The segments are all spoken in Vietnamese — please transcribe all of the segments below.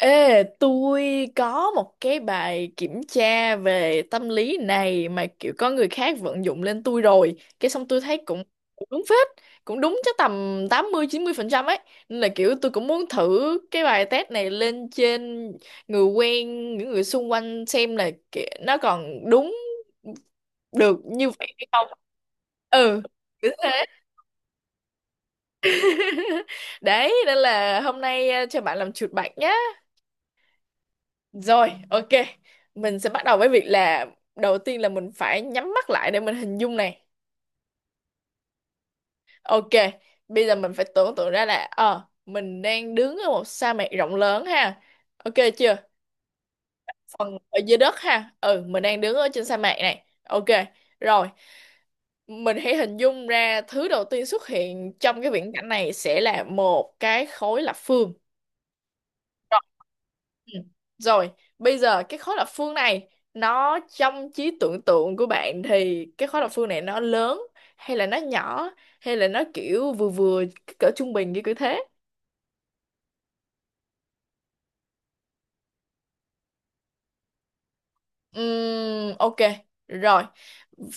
Ê, tôi có một cái bài kiểm tra về tâm lý này mà kiểu có người khác vận dụng lên tôi rồi. Cái xong tôi thấy cũng cũng đúng phết, cũng đúng chắc tầm tám mươi mươi 90% ấy. Nên là kiểu tôi cũng muốn thử cái bài test này lên trên người quen, những người xung quanh xem là nó còn đúng được như vậy hay không. Ừ, kiểu thế. Đấy, nên là hôm nay cho bạn làm chuột bạch nhá. Rồi, ok. Mình sẽ bắt đầu với việc là đầu tiên là mình phải nhắm mắt lại để mình hình dung này. Ok, bây giờ mình phải tưởng tượng ra là mình đang đứng ở một sa mạc rộng lớn ha. Ok chưa? Phần ở dưới đất ha. Ừ, mình đang đứng ở trên sa mạc này. Ok. Rồi, mình hãy hình dung ra thứ đầu tiên xuất hiện trong cái viễn cảnh này sẽ là một cái khối lập phương. Rồi, ừ. Rồi, bây giờ cái khối lập phương này nó trong trí tưởng tượng của bạn thì cái khối lập phương này nó lớn hay là nó nhỏ hay là nó kiểu vừa vừa cỡ trung bình như kiểu thế? Ok. Rồi.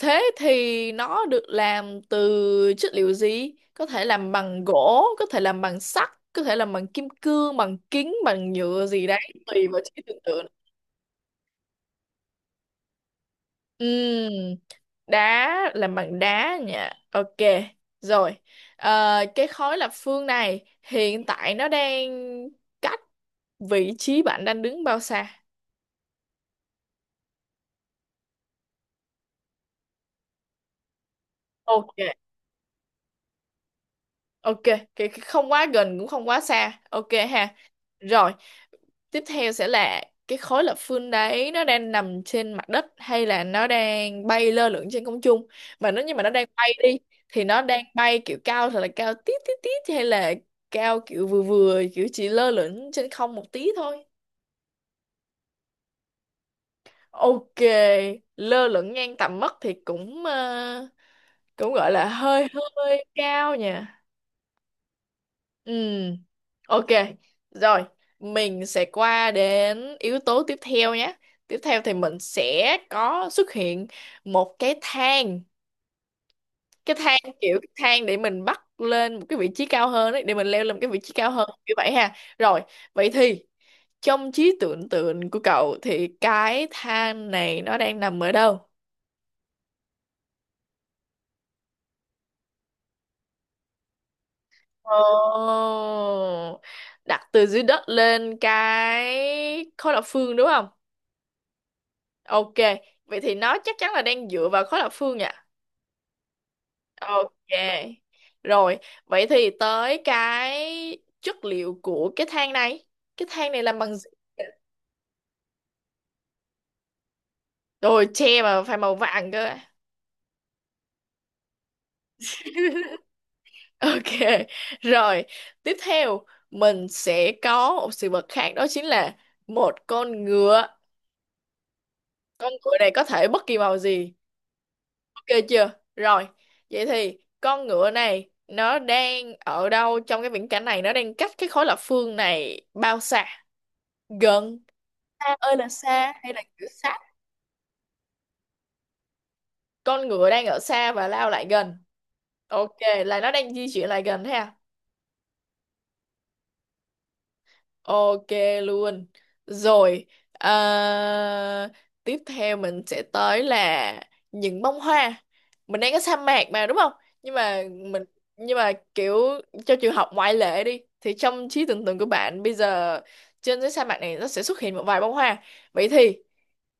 Thế thì nó được làm từ chất liệu gì? Có thể làm bằng gỗ, có thể làm bằng sắt, có thể làm bằng kim cương, bằng kính, bằng nhựa gì đấy, tùy vào trí tưởng tượng. Ừm, đá, làm bằng đá nha. Ok, rồi. Cái khối lập phương này hiện tại nó đang cách vị trí bạn đang đứng bao xa? Ok. Ok, cái không quá gần cũng không quá xa. Ok ha. Rồi, tiếp theo sẽ là cái khối lập phương đấy nó đang nằm trên mặt đất hay là nó đang bay lơ lửng trên không trung? Mà nếu như mà nó đang bay đi thì nó đang bay kiểu cao thật là cao tít tít tít hay là cao kiểu vừa vừa kiểu chỉ lơ lửng trên không một tí thôi. Ok, lơ lửng ngang tầm mắt thì cũng cũng gọi là hơi hơi cao nhỉ. Ừ, ok. Rồi, mình sẽ qua đến yếu tố tiếp theo nhé. Tiếp theo thì mình sẽ có xuất hiện một cái thang. Cái thang, kiểu cái thang để mình bắt lên một cái vị trí cao hơn ấy, để mình leo lên một cái vị trí cao hơn như vậy ha. Rồi, vậy thì trong trí tưởng tượng của cậu thì cái thang này nó đang nằm ở đâu? Ồ, đặt từ dưới đất lên cái khối lập phương đúng không? Ok, vậy thì nó chắc chắn là đang dựa vào khối lập phương nhỉ? Ok. Rồi, vậy thì tới cái chất liệu của cái than này. Cái than này làm bằng gì? Rồi, tre mà phải màu vàng cơ. Ok. Rồi, tiếp theo mình sẽ có một sự vật khác đó chính là một con ngựa. Con ngựa này có thể bất kỳ màu gì. Ok chưa? Rồi, vậy thì con ngựa này nó đang ở đâu trong cái viễn cảnh này? Nó đang cách cái khối lập phương này bao xa? Gần. Xa ơi là xa hay là kiểu sát? Con ngựa đang ở xa và lao lại gần. Ok, là nó đang di chuyển lại gần thế à? Ok luôn. Rồi, à, tiếp theo mình sẽ tới là những bông hoa. Mình đang có sa mạc mà đúng không? Nhưng mà mình nhưng mà kiểu cho trường học ngoại lệ đi thì trong trí tưởng tượng của bạn bây giờ trên cái sa mạc này nó sẽ xuất hiện một vài bông hoa. Vậy thì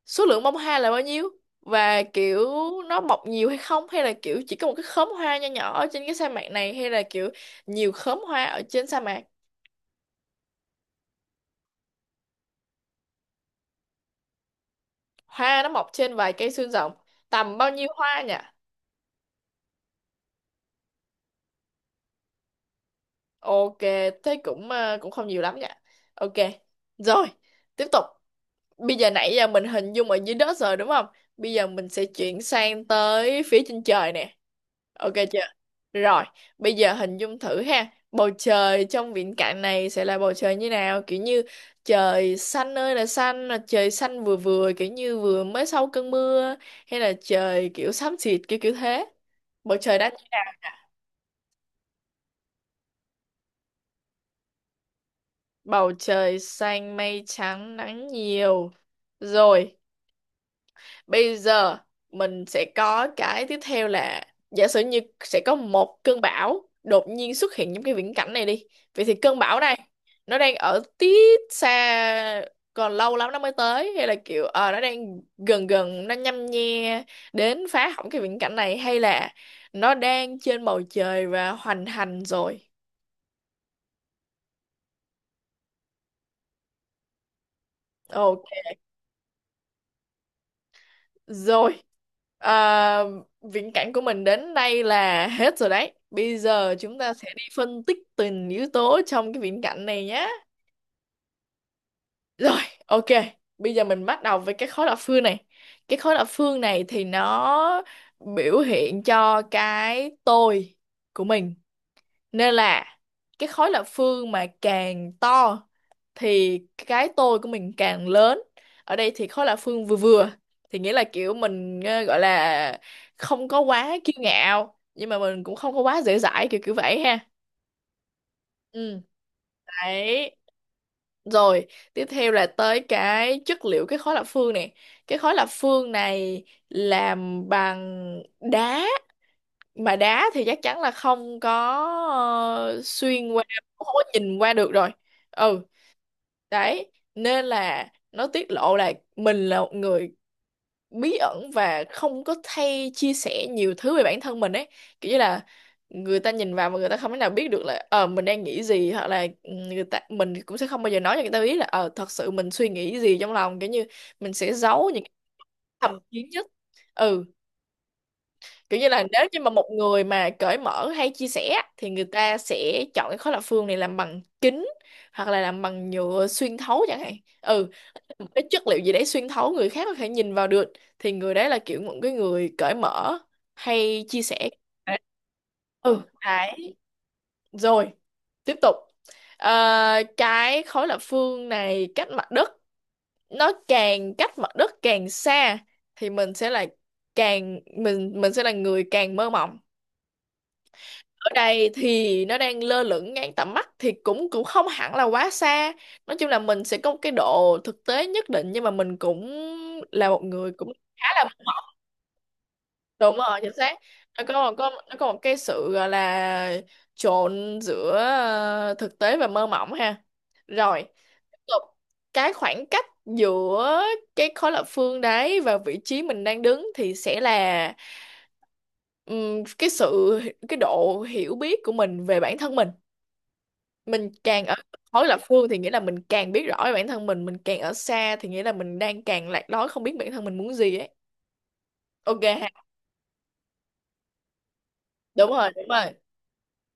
số lượng bông hoa là bao nhiêu? Và kiểu nó mọc nhiều hay không, hay là kiểu chỉ có một cái khóm hoa nho nhỏ ở trên cái sa mạc này, hay là kiểu nhiều khóm hoa ở trên sa mạc? Hoa nó mọc trên vài cây xương rồng, tầm bao nhiêu hoa nhỉ? Ok, thế cũng cũng không nhiều lắm nhỉ. Ok, rồi, tiếp tục. Bây giờ nãy giờ mình hình dung ở dưới đất rồi đúng không? Bây giờ mình sẽ chuyển sang tới phía trên trời nè. Ok chưa? Rồi, bây giờ hình dung thử ha. Bầu trời trong viễn cảnh này sẽ là bầu trời như nào? Kiểu như trời xanh ơi là xanh, là trời xanh vừa vừa kiểu như vừa mới sau cơn mưa, hay là trời kiểu xám xịt kiểu kiểu thế. Bầu trời đã như nào? Bầu trời xanh, mây trắng, nắng nhiều. Rồi, bây giờ mình sẽ có cái tiếp theo là giả sử như sẽ có một cơn bão đột nhiên xuất hiện trong cái viễn cảnh này đi. Vậy thì cơn bão này nó đang ở tít xa, còn lâu lắm nó mới tới, hay là kiểu nó đang gần gần, nó nhăm nhe đến phá hỏng cái viễn cảnh này, hay là nó đang trên bầu trời và hoành hành rồi. Ồ. Rồi, à, viễn cảnh của mình đến đây là hết rồi đấy. Bây giờ chúng ta sẽ đi phân tích từng yếu tố trong cái viễn cảnh này nhé. Rồi, ok. Bây giờ mình bắt đầu với cái khối lập phương này. Cái khối lập phương này thì nó biểu hiện cho cái tôi của mình. Nên là cái khối lập phương mà càng to thì cái tôi của mình càng lớn. Ở đây thì khó là Phương vừa vừa, thì nghĩa là kiểu mình gọi là không có quá kiêu ngạo nhưng mà mình cũng không có quá dễ dãi kiểu kiểu vậy ha. Ừ, đấy. Rồi, tiếp theo là tới cái chất liệu cái khối lập phương này. Cái khối lập phương này làm bằng đá, mà đá thì chắc chắn là không có ờ, xuyên qua, không có nhìn qua được rồi. Ừ. Đấy, nên là nó tiết lộ là mình là một người bí ẩn và không có hay chia sẻ nhiều thứ về bản thân mình ấy. Kiểu như là người ta nhìn vào mà người ta không thể nào biết được là mình đang nghĩ gì, hoặc là người ta mình cũng sẽ không bao giờ nói cho người ta biết là thật sự mình suy nghĩ gì trong lòng, kiểu như mình sẽ giấu những cái thầm kín nhất. Ừ, kiểu như là nếu như mà một người mà cởi mở hay chia sẻ thì người ta sẽ chọn cái khối lập phương này làm bằng kính hoặc là làm bằng nhựa xuyên thấu chẳng hạn. Ừ, một cái chất liệu gì đấy xuyên thấu, người khác có thể nhìn vào được, thì người đấy là kiểu một cái người cởi mở hay chia sẻ. Đấy. Ừ, đấy. Rồi, tiếp tục. Ờ, cái khối lập phương này cách mặt đất, nó càng cách mặt đất càng xa thì mình sẽ là càng, mình sẽ là người càng mơ mộng. Ở đây thì nó đang lơ lửng ngang tầm mắt thì cũng cũng không hẳn là quá xa. Nói chung là mình sẽ có một cái độ thực tế nhất định, nhưng mà mình cũng là một người cũng khá là. Đúng rồi, chính xác. Nó có một, có một cái sự gọi là trộn giữa thực tế và mơ mộng ha. Rồi, tiếp tục. Cái khoảng cách giữa cái khối lập phương đấy và vị trí mình đang đứng thì sẽ là cái sự, cái độ hiểu biết của mình về bản thân mình. Mình càng ở khối lập phương thì nghĩa là mình càng biết rõ về bản thân mình càng ở xa thì nghĩa là mình đang càng lạc lối, không biết bản thân mình muốn gì ấy. Ok, đúng rồi, đúng rồi.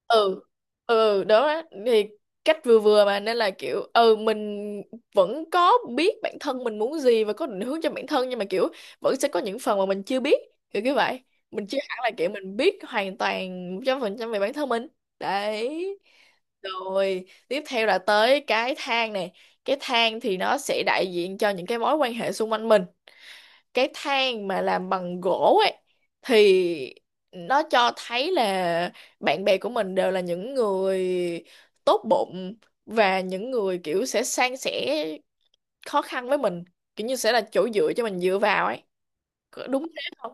Ừ, ừ, đó á. Thì cách vừa vừa mà nên là kiểu ừ mình vẫn có biết bản thân mình muốn gì và có định hướng cho bản thân, nhưng mà kiểu vẫn sẽ có những phần mà mình chưa biết, kiểu như vậy. Mình chưa hẳn là kiểu mình biết hoàn toàn 100% về bản thân mình đấy. Rồi tiếp theo là tới cái thang này. Cái thang thì nó sẽ đại diện cho những cái mối quan hệ xung quanh mình. Cái than mà làm bằng gỗ ấy thì nó cho thấy là bạn bè của mình đều là những người tốt bụng, và những người kiểu sẽ san sẻ khó khăn với mình, kiểu như sẽ là chỗ dựa cho mình dựa vào ấy. Có đúng thế không?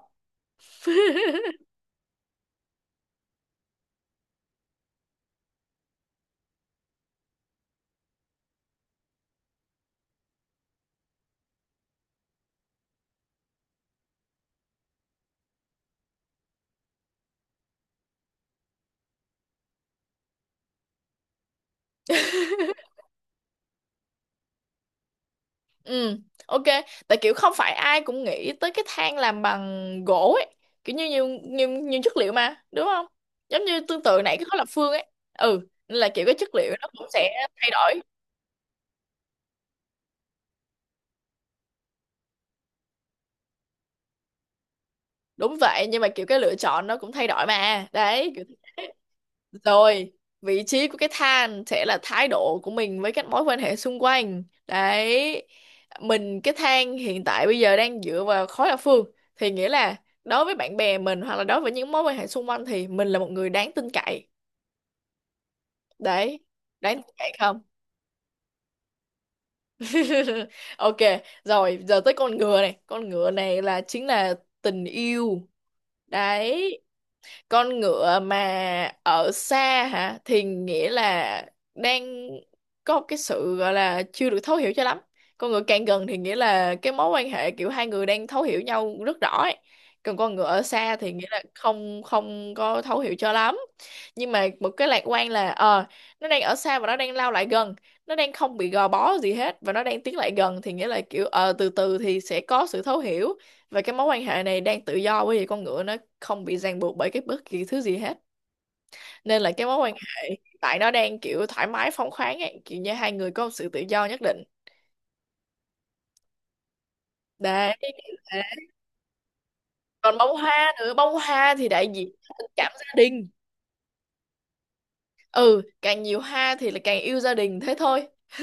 Ừ, ok. Tại kiểu không phải ai cũng nghĩ tới cái than làm bằng gỗ ấy, kiểu như nhiều nhiều nhiều chất liệu mà đúng không, giống như tương tự nãy cái khối lập phương ấy. Ừ, nên là kiểu cái chất liệu nó cũng sẽ thay đổi. Đúng vậy, nhưng mà kiểu cái lựa chọn nó cũng thay đổi mà đấy, kiểu thế. Rồi, vị trí của cái than sẽ là thái độ của mình với các mối quan hệ xung quanh đấy. Mình cái than hiện tại bây giờ đang dựa vào khối lập phương thì nghĩa là đối với bạn bè mình, hoặc là đối với những mối quan hệ xung quanh, thì mình là một người đáng tin cậy đấy. Đáng tin cậy không? Ok, rồi giờ tới con ngựa này. Con ngựa này là chính là tình yêu đấy. Con ngựa mà ở xa hả, thì nghĩa là đang có cái sự gọi là chưa được thấu hiểu cho lắm. Con ngựa càng gần thì nghĩa là cái mối quan hệ kiểu hai người đang thấu hiểu nhau rất rõ ấy. Còn con ngựa ở xa thì nghĩa là không không có thấu hiểu cho lắm. Nhưng mà một cái lạc quan là nó đang ở xa và nó đang lao lại gần. Nó đang không bị gò bó gì hết và nó đang tiến lại gần, thì nghĩa là kiểu từ từ thì sẽ có sự thấu hiểu. Và cái mối quan hệ này đang tự do, bởi vì con ngựa nó không bị ràng buộc bởi cái bất kỳ thứ gì hết. Nên là cái mối quan hệ tại nó đang kiểu thoải mái phóng khoáng ấy, kiểu như hai người có một sự tự do nhất định. Đấy. Còn bông hoa nữa, bông hoa thì đại diện cho tình cảm gia đình. Ừ, càng nhiều hoa thì là càng yêu gia đình thế thôi.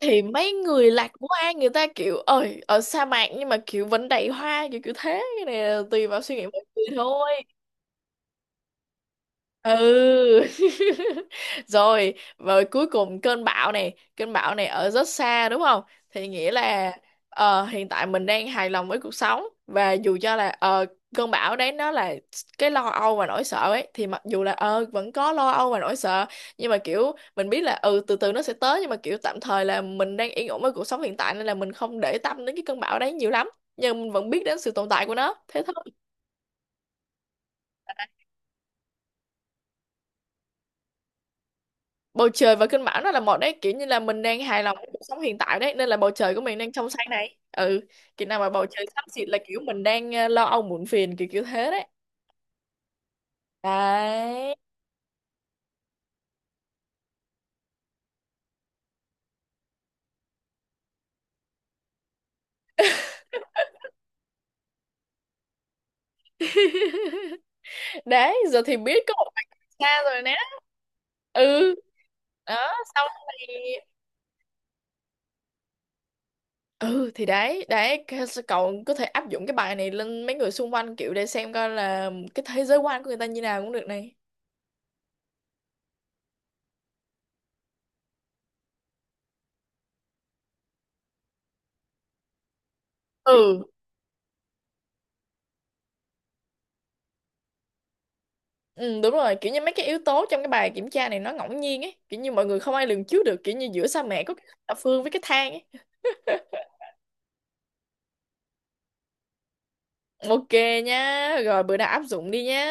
Thì mấy người lạc quan người ta kiểu ơi ở sa mạc nhưng mà kiểu vẫn đầy hoa, kiểu kiểu thế, cái này là tùy vào suy nghĩ mọi người thôi. Ừ. Rồi rồi, cuối cùng cơn bão này, cơn bão này ở rất xa đúng không, thì nghĩa là hiện tại mình đang hài lòng với cuộc sống, và dù cho là cơn bão đấy nó là cái lo âu và nỗi sợ ấy, thì mặc dù là vẫn có lo âu và nỗi sợ, nhưng mà kiểu mình biết là ừ từ từ nó sẽ tới, nhưng mà kiểu tạm thời là mình đang yên ổn với cuộc sống hiện tại, nên là mình không để tâm đến cái cơn bão đấy nhiều lắm. Nhưng mình vẫn biết đến sự tồn tại của nó thế thôi. Bầu trời và cơn bão nó là một đấy, kiểu như là mình đang hài lòng với cuộc sống hiện tại đấy, nên là bầu trời của mình đang trong xanh này. Ừ, kiểu nào mà bầu trời xám xịt là kiểu mình đang lo âu muộn phiền, kiểu kiểu thế đấy. Đấy. Đấy, giờ thì biết có một bạn xa rồi nè. Ừ, đó sau này. Ừ thì đấy đấy, cậu có thể áp dụng cái bài này lên mấy người xung quanh kiểu để xem coi là cái thế giới quan của người ta như nào cũng được này. Ừ. Ừ, đúng rồi, kiểu như mấy cái yếu tố trong cái bài kiểm tra này nó ngẫu nhiên ấy, kiểu như mọi người không ai lường trước được, kiểu như giữa sa mạc có cái thập phương với cái thang ấy. Ok nha, rồi bữa nào áp dụng đi nha.